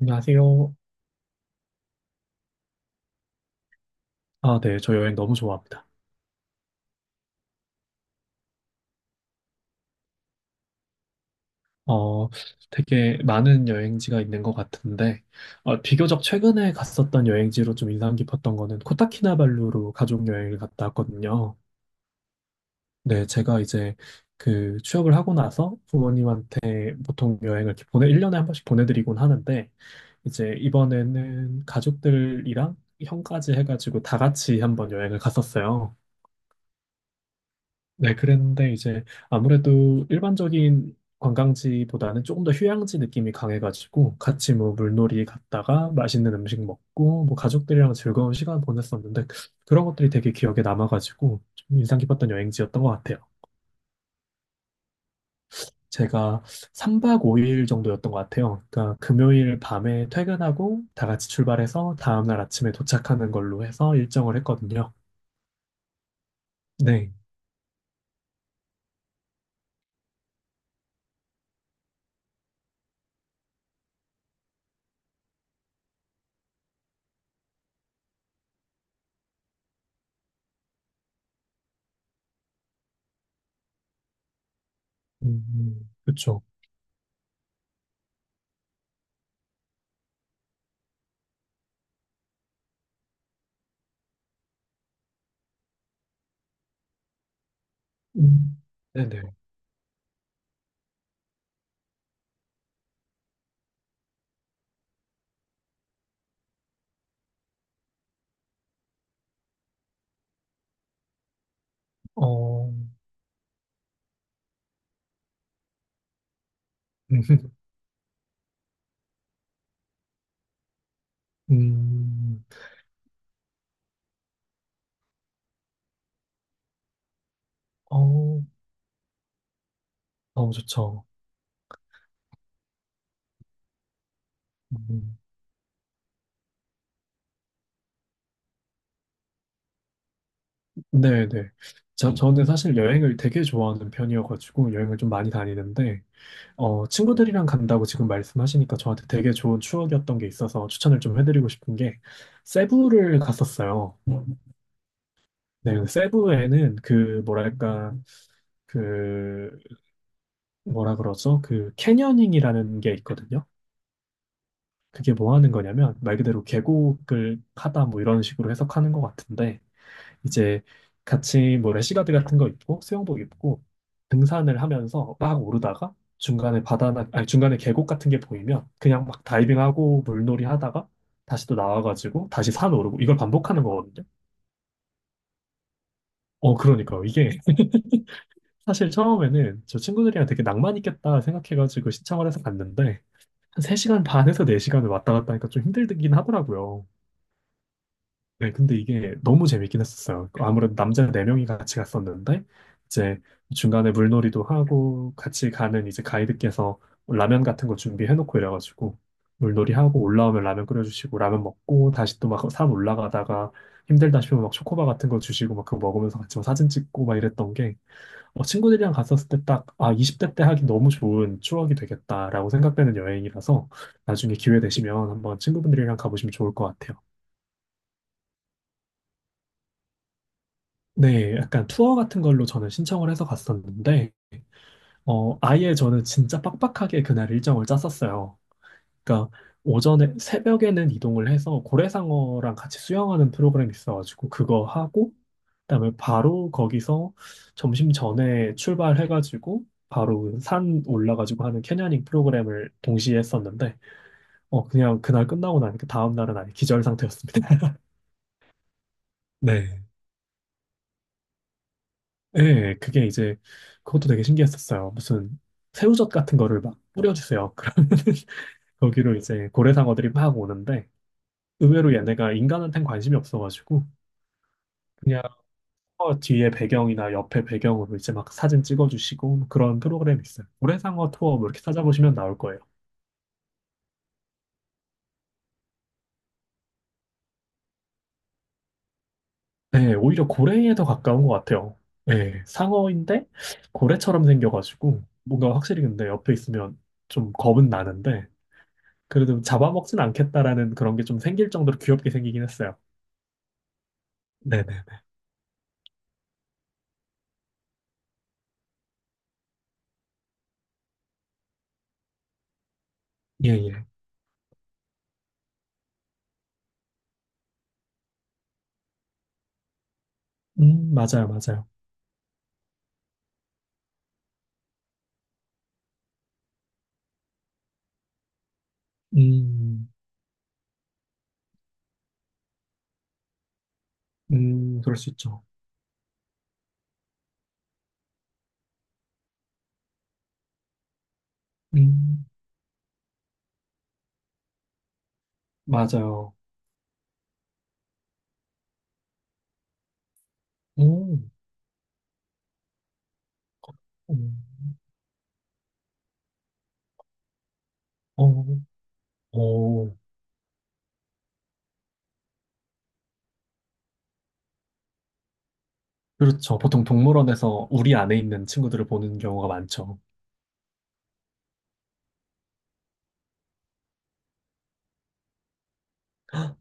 안녕하세요. 아, 네. 저 여행 너무 좋아합니다. 어, 되게 많은 여행지가 있는 것 같은데, 비교적 최근에 갔었던 여행지로 좀 인상 깊었던 거는 코타키나발루로 가족 여행을 갔다 왔거든요. 네, 제가 이제 그 취업을 하고 나서 부모님한테 보통 여행을 이렇게 1년에 한 번씩 보내드리곤 하는데, 이제 이번에는 가족들이랑 형까지 해가지고 다 같이 한번 여행을 갔었어요. 네, 그랬는데 이제 아무래도 일반적인 관광지보다는 조금 더 휴양지 느낌이 강해가지고 같이 뭐 물놀이 갔다가 맛있는 음식 먹고 뭐 가족들이랑 즐거운 시간 보냈었는데 그런 것들이 되게 기억에 남아가지고 좀 인상 깊었던 여행지였던 것 같아요. 제가 3박 5일 정도였던 것 같아요. 그러니까 금요일 밤에 퇴근하고 다 같이 출발해서 다음날 아침에 도착하는 걸로 해서 일정을 했거든요. 네. 그쵸. 음, 네네. 어, 음, 어, 어, 좋죠. 음, 네, 네. 저는 사실 여행을 되게 좋아하는 편이어가지고 여행을 좀 많이 다니는데, 친구들이랑 간다고 지금 말씀하시니까 저한테 되게 좋은 추억이었던 게 있어서 추천을 좀 해드리고 싶은 게, 세부를 갔었어요. 네, 세부에는 그, 뭐랄까, 그, 뭐라 그러죠? 그, 캐녀닝이라는 게 있거든요. 그게 뭐 하는 거냐면, 말 그대로 계곡을 하다 뭐 이런 식으로 해석하는 것 같은데, 이제 같이 뭐 래시가드 같은 거 입고 수영복 입고 등산을 하면서 막 오르다가 중간에 바다나 아니 중간에 계곡 같은 게 보이면 그냥 막 다이빙하고 물놀이 하다가 다시 또 나와가지고 다시 산 오르고 이걸 반복하는 거거든요. 어 그러니까요. 이게 사실 처음에는 저 친구들이랑 되게 낭만 있겠다 생각해가지고 신청을 해서 갔는데 한 3시간 반에서 4시간을 왔다 갔다 하니까 좀 힘들긴 하더라고요. 네, 근데 이게 너무 재밌긴 했었어요. 그 아무래도 남자 4명이 같이 갔었는데, 이제 중간에 물놀이도 하고, 같이 가는 이제 가이드께서 라면 같은 거 준비해놓고 이래가지고, 물놀이 하고, 올라오면 라면 끓여주시고, 라면 먹고, 다시 또 막 산 올라가다가, 힘들다 싶으면 막 초코바 같은 거 주시고, 막 그거 먹으면서 같이 막 사진 찍고 막 이랬던 게, 어, 친구들이랑 갔었을 때 딱, 아, 20대 때 하기 너무 좋은 추억이 되겠다라고 생각되는 여행이라서, 나중에 기회 되시면 한번 친구분들이랑 가보시면 좋을 것 같아요. 네, 약간 투어 같은 걸로 저는 신청을 해서 갔었는데, 아예 저는 진짜 빡빡하게 그날 일정을 짰었어요. 그러니까 오전에, 새벽에는 이동을 해서 고래상어랑 같이 수영하는 프로그램이 있어가지고 그거 하고, 그다음에 바로 거기서 점심 전에 출발해가지고 바로 산 올라가지고 하는 캐녀닝 프로그램을 동시에 했었는데, 그냥 그날 끝나고 나니까 다음 날은 아예 기절 상태였습니다. 네. 예, 그게 이제 그것도 되게 신기했었어요. 무슨 새우젓 같은 거를 막 뿌려주세요. 그러면 거기로 이제 고래상어들이 막 오는데 의외로 얘네가 인간한텐 관심이 없어가지고 그냥 뒤에 배경이나 옆에 배경으로 이제 막 사진 찍어주시고 뭐 그런 프로그램이 있어요. 고래상어 투어 뭐 이렇게 찾아보시면 나올 거예요. 네, 오히려 고래에 더 가까운 것 같아요. 네, 상어인데 고래처럼 생겨가지고 뭔가 확실히 근데 옆에 있으면 좀 겁은 나는데 그래도 잡아먹진 않겠다라는 그런 게 좀 생길 정도로 귀엽게 생기긴 했어요. 네네네. 예, 예. 맞아요, 맞아요. 음, 그럴 수 있죠. 음, 맞아요. 음, 음, 어, 어, 그렇죠. 보통 동물원에서 우리 안에 있는 친구들을 보는 경우가 많죠.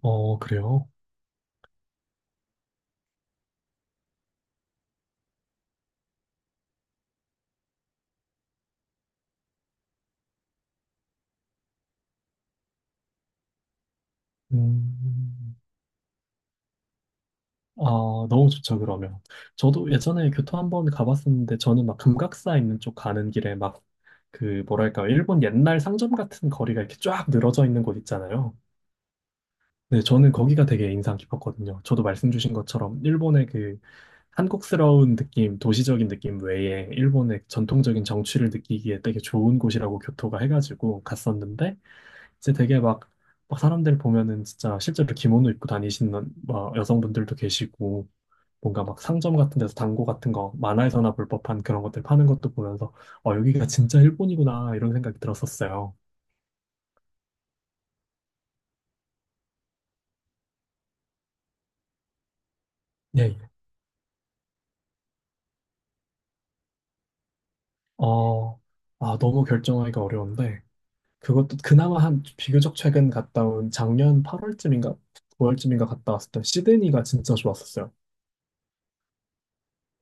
어, 그래요? 음, 아, 너무 좋죠, 그러면. 저도 예전에 교토 한번 가봤었는데, 저는 막 금각사 있는 쪽 가는 길에 막, 그, 뭐랄까, 일본 옛날 상점 같은 거리가 이렇게 쫙 늘어져 있는 곳 있잖아요. 네, 저는 거기가 되게 인상 깊었거든요. 저도 말씀 주신 것처럼, 일본의 그, 한국스러운 느낌, 도시적인 느낌 외에, 일본의 전통적인 정취를 느끼기에 되게 좋은 곳이라고 교토가 해가지고 갔었는데, 이제 되게 막, 막 사람들 보면은 진짜 실제로 기모노 입고 다니시는 막 여성분들도 계시고, 뭔가 막 상점 같은 데서 당고 같은 거 만화에서나 볼 법한 그런 것들 파는 것도 보면서 어, 여기가 진짜 일본이구나 이런 생각이 들었었어요. 예, 예. 어, 아, 너무 결정하기가 어려운데 그것도 그나마 한 비교적 최근 갔다 온 작년 8월쯤인가 9월쯤인가 갔다 왔을 때 시드니가 진짜 좋았었어요.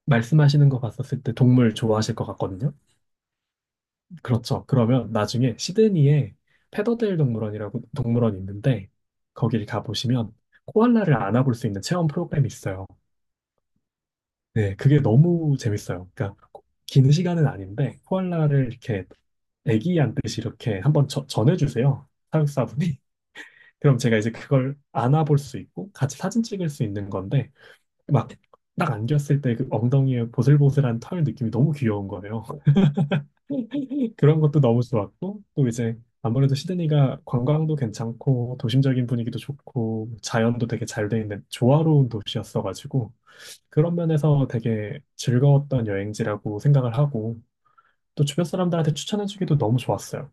말씀하시는 거 봤었을 때 동물 좋아하실 것 같거든요. 그렇죠. 그러면 나중에 시드니에 페더데일 동물원이라고 동물원이 있는데 거기를 가보시면 코알라를 안아볼 수 있는 체험 프로그램이 있어요. 네, 그게 너무 재밌어요. 그러니까 긴 시간은 아닌데 코알라를 이렇게 애기한듯이 이렇게 한번 전해주세요. 사육사분이. 그럼 제가 이제 그걸 안아볼 수 있고 같이 사진 찍을 수 있는 건데 막 딱 안겼을 때 그 엉덩이에 보슬보슬한 털 느낌이 너무 귀여운 거예요. 그런 것도 너무 좋았고 또 이제 아무래도 시드니가 관광도 괜찮고 도심적인 분위기도 좋고 자연도 되게 잘 돼 있는 조화로운 도시였어가지고 그런 면에서 되게 즐거웠던 여행지라고 생각을 하고 또 주변 사람들한테 추천해주기도 너무 좋았어요.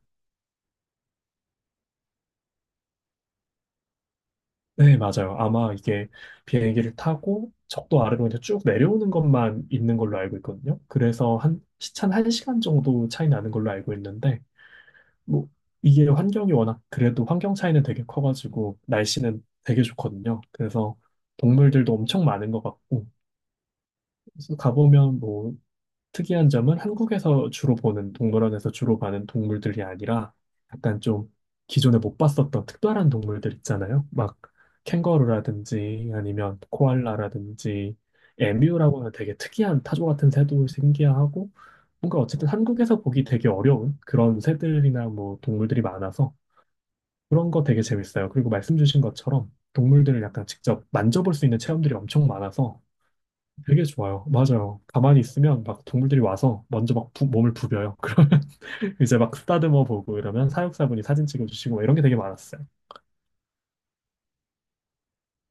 네, 맞아요. 아마 이게 비행기를 타고 적도 아래로 이제 쭉 내려오는 것만 있는 걸로 알고 있거든요. 그래서 한 시차 1시간 정도 차이 나는 걸로 알고 있는데 뭐 이게 환경이 워낙 그래도 환경 차이는 되게 커가지고 날씨는 되게 좋거든요. 그래서 동물들도 엄청 많은 것 같고 그래서 가보면 뭐 특이한 점은 한국에서 주로 보는, 동물원에서 주로 봐는 동물들이 아니라 약간 좀 기존에 못 봤었던 특별한 동물들 있잖아요. 막 캥거루라든지 아니면 코알라라든지 에뮤라고 는 되게 특이한 타조 같은 새도 신기하고 뭔가 어쨌든 한국에서 보기 되게 어려운 그런 새들이나 뭐 동물들이 많아서 그런 거 되게 재밌어요. 그리고 말씀 주신 것처럼 동물들을 약간 직접 만져볼 수 있는 체험들이 엄청 많아서 되게 좋아요. 맞아요. 가만히 있으면 막 동물들이 와서 먼저 막 몸을 부벼요. 그러면 이제 막 쓰다듬어 보고 이러면 사육사분이 사진 찍어주시고 막 이런 게 되게 많았어요.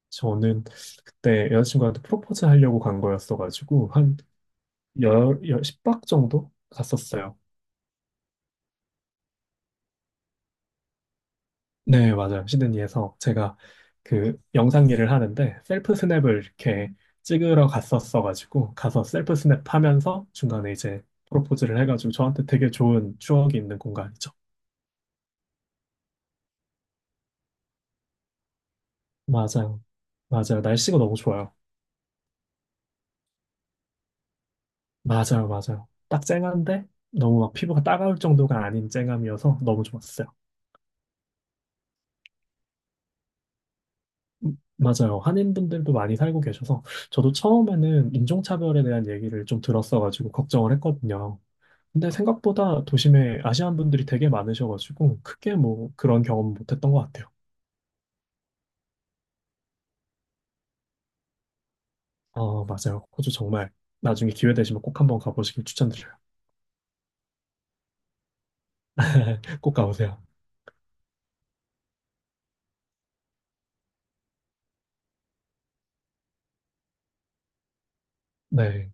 저는 그때 여자친구한테 프로포즈 하려고 간 거였어가지고 한 10박 정도 갔었어요. 네, 맞아요. 시드니에서 제가 그 영상 일을 하는데 셀프 스냅을 이렇게 찍으러 갔었어가지고 가서 셀프 스냅 하면서 중간에 이제 프로포즈를 해가지고 저한테 되게 좋은 추억이 있는 공간이죠. 맞아요. 맞아요. 날씨가 너무 좋아요. 맞아요. 맞아요. 딱 쨍한데 너무 막 피부가 따가울 정도가 아닌 쨍함이어서 너무 좋았어요. 맞아요. 한인분들도 많이 살고 계셔서 저도 처음에는 인종차별에 대한 얘기를 좀 들었어가지고 걱정을 했거든요. 근데 생각보다 도심에 아시안 분들이 되게 많으셔가지고 크게 뭐 그런 경험 못했던 것 같아요. 어, 맞아요. 호주 정말 나중에 기회 되시면 꼭 한번 가보시길 추천드려요. 꼭 가보세요. 네.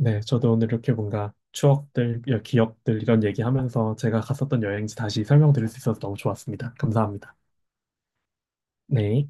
네, 저도 오늘 이렇게 뭔가 추억들, 기억들 이런 얘기하면서 제가 갔었던 여행지 다시 설명드릴 수 있어서 너무 좋았습니다. 감사합니다. 네.